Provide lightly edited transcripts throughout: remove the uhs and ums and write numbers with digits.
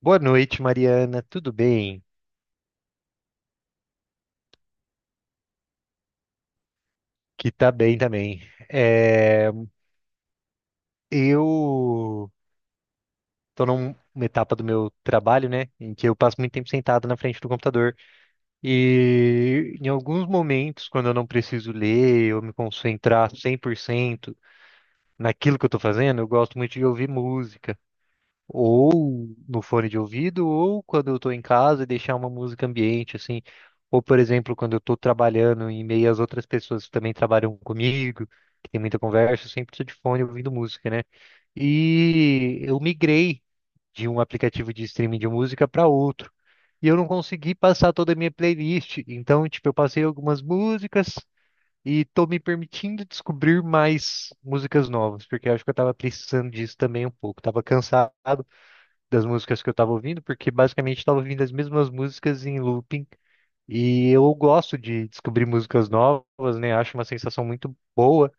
Boa noite, Mariana. Tudo bem? Que tá bem também. É, eu tô numa etapa do meu trabalho, né, em que eu passo muito tempo sentado na frente do computador. E em alguns momentos, quando eu não preciso ler ou me concentrar 100% naquilo que eu tô fazendo, eu gosto muito de ouvir música. Ou no fone de ouvido, ou quando eu tô em casa e deixar uma música ambiente, assim. Ou, por exemplo, quando eu tô trabalhando em meio às outras pessoas que também trabalham comigo, que tem muita conversa, eu sempre tô de fone ouvindo música, né? E eu migrei de um aplicativo de streaming de música para outro. E eu não consegui passar toda a minha playlist. Então, tipo, eu passei algumas músicas e tô me permitindo descobrir mais músicas novas, porque eu acho que eu tava precisando disso também um pouco. Tava cansado das músicas que eu estava ouvindo, porque basicamente estava ouvindo as mesmas músicas em looping. E eu gosto de descobrir músicas novas, né? Acho uma sensação muito boa,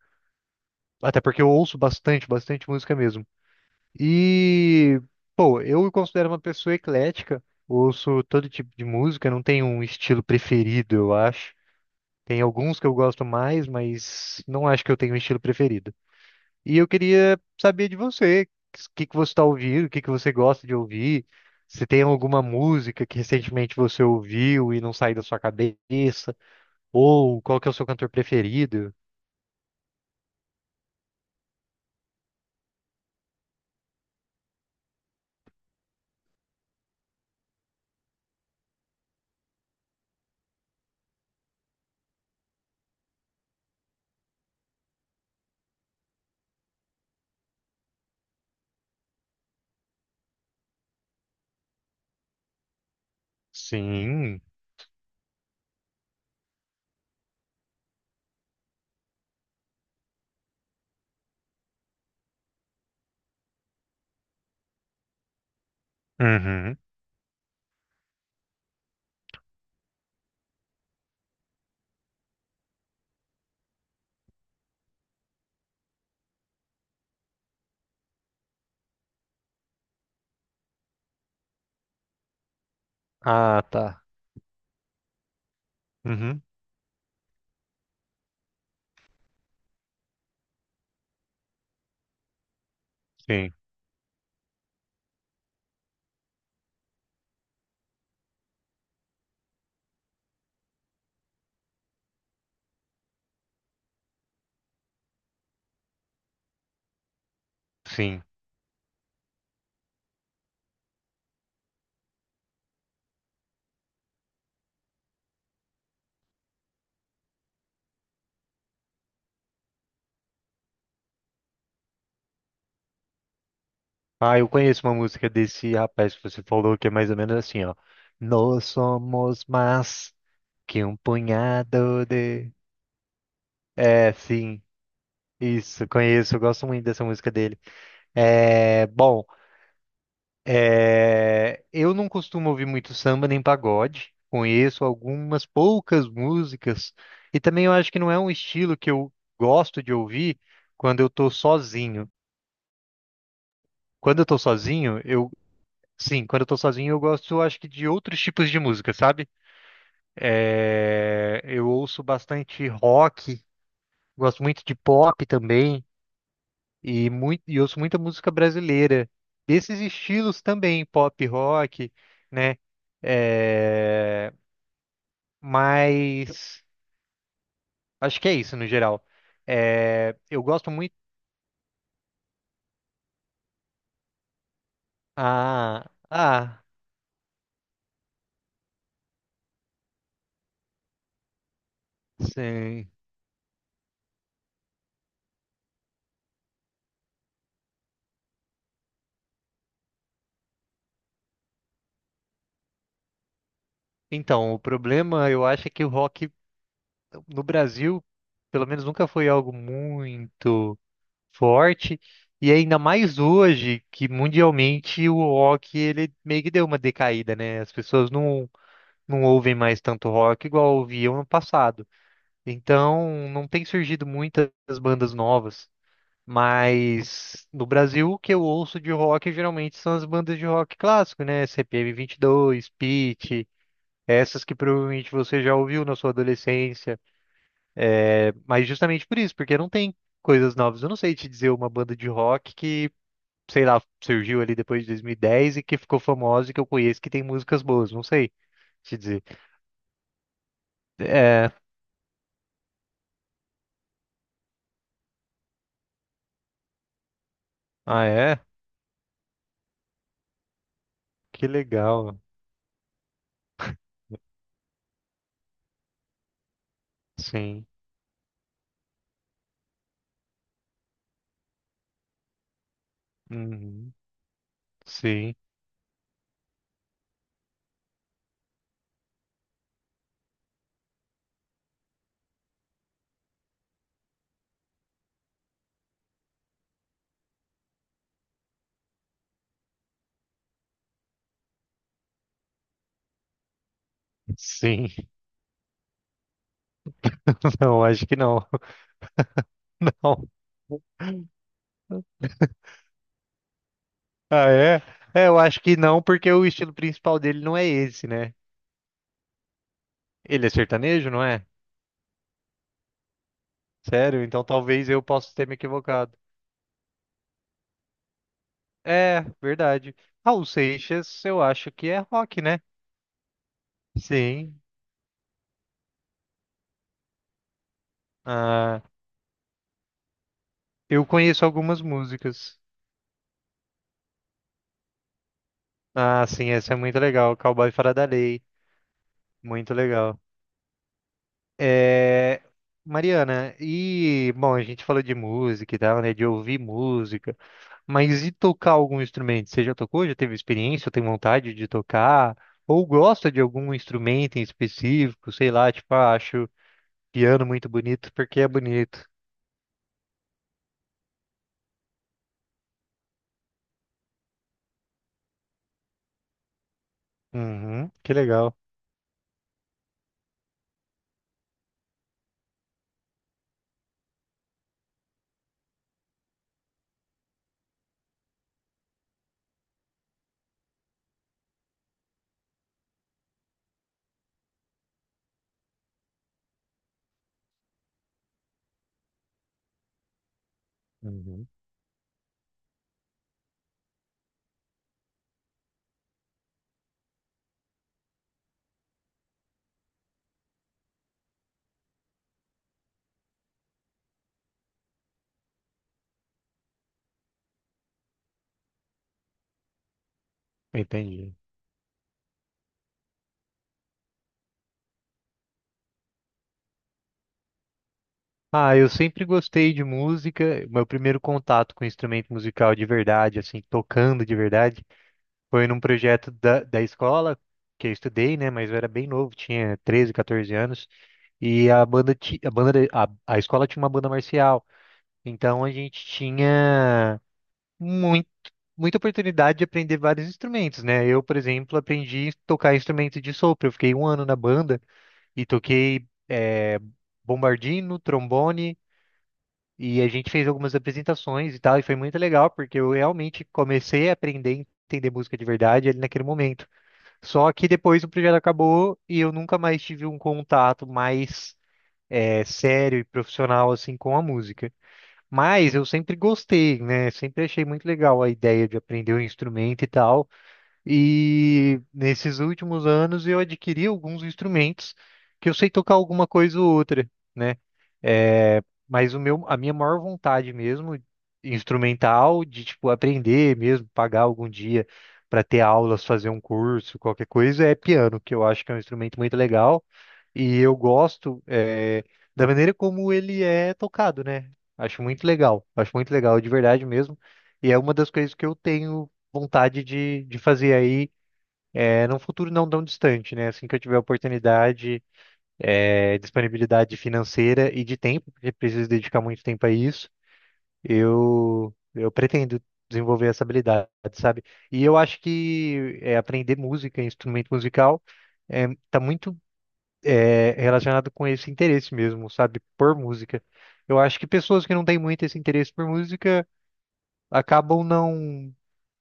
até porque eu ouço bastante, bastante música mesmo. E, pô, eu me considero uma pessoa eclética, ouço todo tipo de música, não tenho um estilo preferido, eu acho. Tem alguns que eu gosto mais, mas não acho que eu tenho um estilo preferido. E eu queria saber de você, o que que você está ouvindo, o que que você gosta de ouvir, se tem alguma música que recentemente você ouviu e não saiu da sua cabeça, ou qual que é o seu cantor preferido? Sim. Uhum. Ah, tá. Uhum. Sim, sim. Ah, eu conheço uma música desse rapaz que você falou que é mais ou menos assim, ó. Nós somos mais que um punhado de... É, sim. Isso, conheço, eu gosto muito dessa música dele. É, bom, eu não costumo ouvir muito samba nem pagode. Conheço algumas poucas músicas e também eu acho que não é um estilo que eu gosto de ouvir quando eu tô sozinho. Quando eu tô sozinho, eu sim, quando eu tô sozinho eu gosto, eu acho que de outros tipos de música, sabe? Eu ouço bastante rock, gosto muito de pop também e muito e ouço muita música brasileira. Desses estilos também, pop, rock, né? É, Mas acho que é isso no geral. É, eu gosto muito. Ah, ah, sim. Então, o problema eu acho é que o rock no Brasil, pelo menos, nunca foi algo muito forte. E ainda mais hoje, que mundialmente o rock ele meio que deu uma decaída, né? As pessoas não ouvem mais tanto rock igual ouviam no passado. Então, não tem surgido muitas bandas novas. Mas no Brasil, o que eu ouço de rock geralmente são as bandas de rock clássico, né? CPM dois, Pitty, essas que provavelmente você já ouviu na sua adolescência. Mas justamente por isso, porque não tem coisas novas. Eu não sei te dizer uma banda de rock que, sei lá, surgiu ali depois de 2010 e dez e que ficou famosa e que eu conheço que tem músicas boas. Não sei te dizer. É. Ah, é? Que legal. Sim. Uhum. Sim. Sim. Não, acho que não. Não. Ah, é? É, eu acho que não, porque o estilo principal dele não é esse, né? Ele é sertanejo, não é? Sério? Então talvez eu possa ter me equivocado. É, verdade. Raul Seixas, eu acho que é rock, né? Sim. Ah, eu conheço algumas músicas. Ah, sim, essa é muito legal. Cowboy Fora da Lei. Muito legal. É, Mariana, e bom, a gente falou de música e tal, né? De ouvir música, mas e tocar algum instrumento? Você já tocou? Já teve experiência? Ou tem vontade de tocar? Ou gosta de algum instrumento em específico? Sei lá, tipo, ah, acho piano muito bonito porque é bonito. Uhum, que legal. Uhum, entendi. Ah, eu sempre gostei de música. Meu primeiro contato com instrumento musical de verdade, assim, tocando de verdade. Foi num projeto da escola que eu estudei, né? Mas eu era bem novo, tinha 13, 14 anos. E a banda, a escola tinha uma banda marcial. Então a gente tinha muito, muita oportunidade de aprender vários instrumentos, né? Eu, por exemplo, aprendi a tocar instrumento de sopro. Eu fiquei um ano na banda e toquei bombardino, trombone. E a gente fez algumas apresentações e tal, e foi muito legal, porque eu realmente comecei a aprender a entender música de verdade ali naquele momento. Só que depois o projeto acabou e eu nunca mais tive um contato mais sério e profissional assim com a música. Mas eu sempre gostei, né? Sempre achei muito legal a ideia de aprender um instrumento e tal. E nesses últimos anos eu adquiri alguns instrumentos que eu sei tocar alguma coisa ou outra, né? É, mas o meu, a minha maior vontade mesmo, instrumental, de tipo aprender mesmo, pagar algum dia para ter aulas, fazer um curso, qualquer coisa, é piano, que eu acho que é um instrumento muito legal e eu gosto da maneira como ele é tocado, né? Acho muito legal de verdade mesmo. E é uma das coisas que eu tenho vontade de fazer aí num futuro não tão distante, né? Assim que eu tiver oportunidade, disponibilidade financeira e de tempo, porque preciso dedicar muito tempo a isso, eu pretendo desenvolver essa habilidade, sabe? E eu acho que aprender música, instrumento musical, tá muito relacionado com esse interesse mesmo, sabe? Por música. Eu acho que pessoas que não têm muito esse interesse por música acabam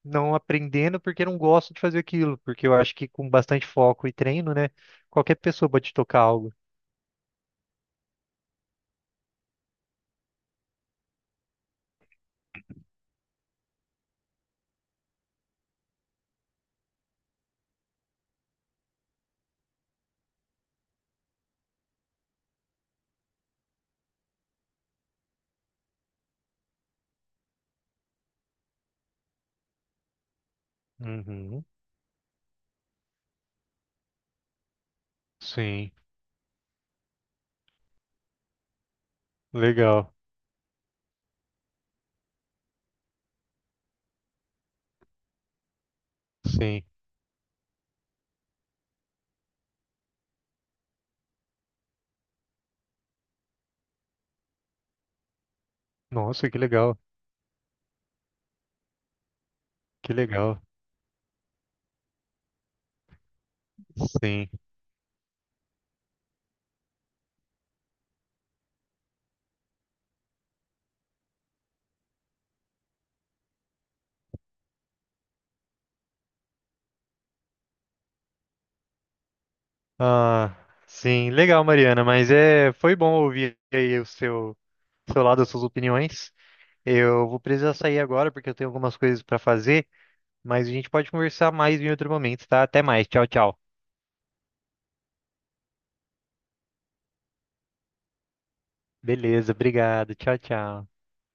não aprendendo porque não gosto de fazer aquilo, porque eu acho que com bastante foco e treino, né, qualquer pessoa pode tocar algo. Uhum. Sim, legal. Sim. Nossa, que legal. Que legal. Sim. Ah, sim, legal, Mariana, mas é, foi bom ouvir aí o seu lado, as suas opiniões. Eu vou precisar sair agora porque eu tenho algumas coisas para fazer, mas a gente pode conversar mais em outro momento, tá? Até mais. Tchau, tchau. Beleza, obrigado. Tchau, tchau.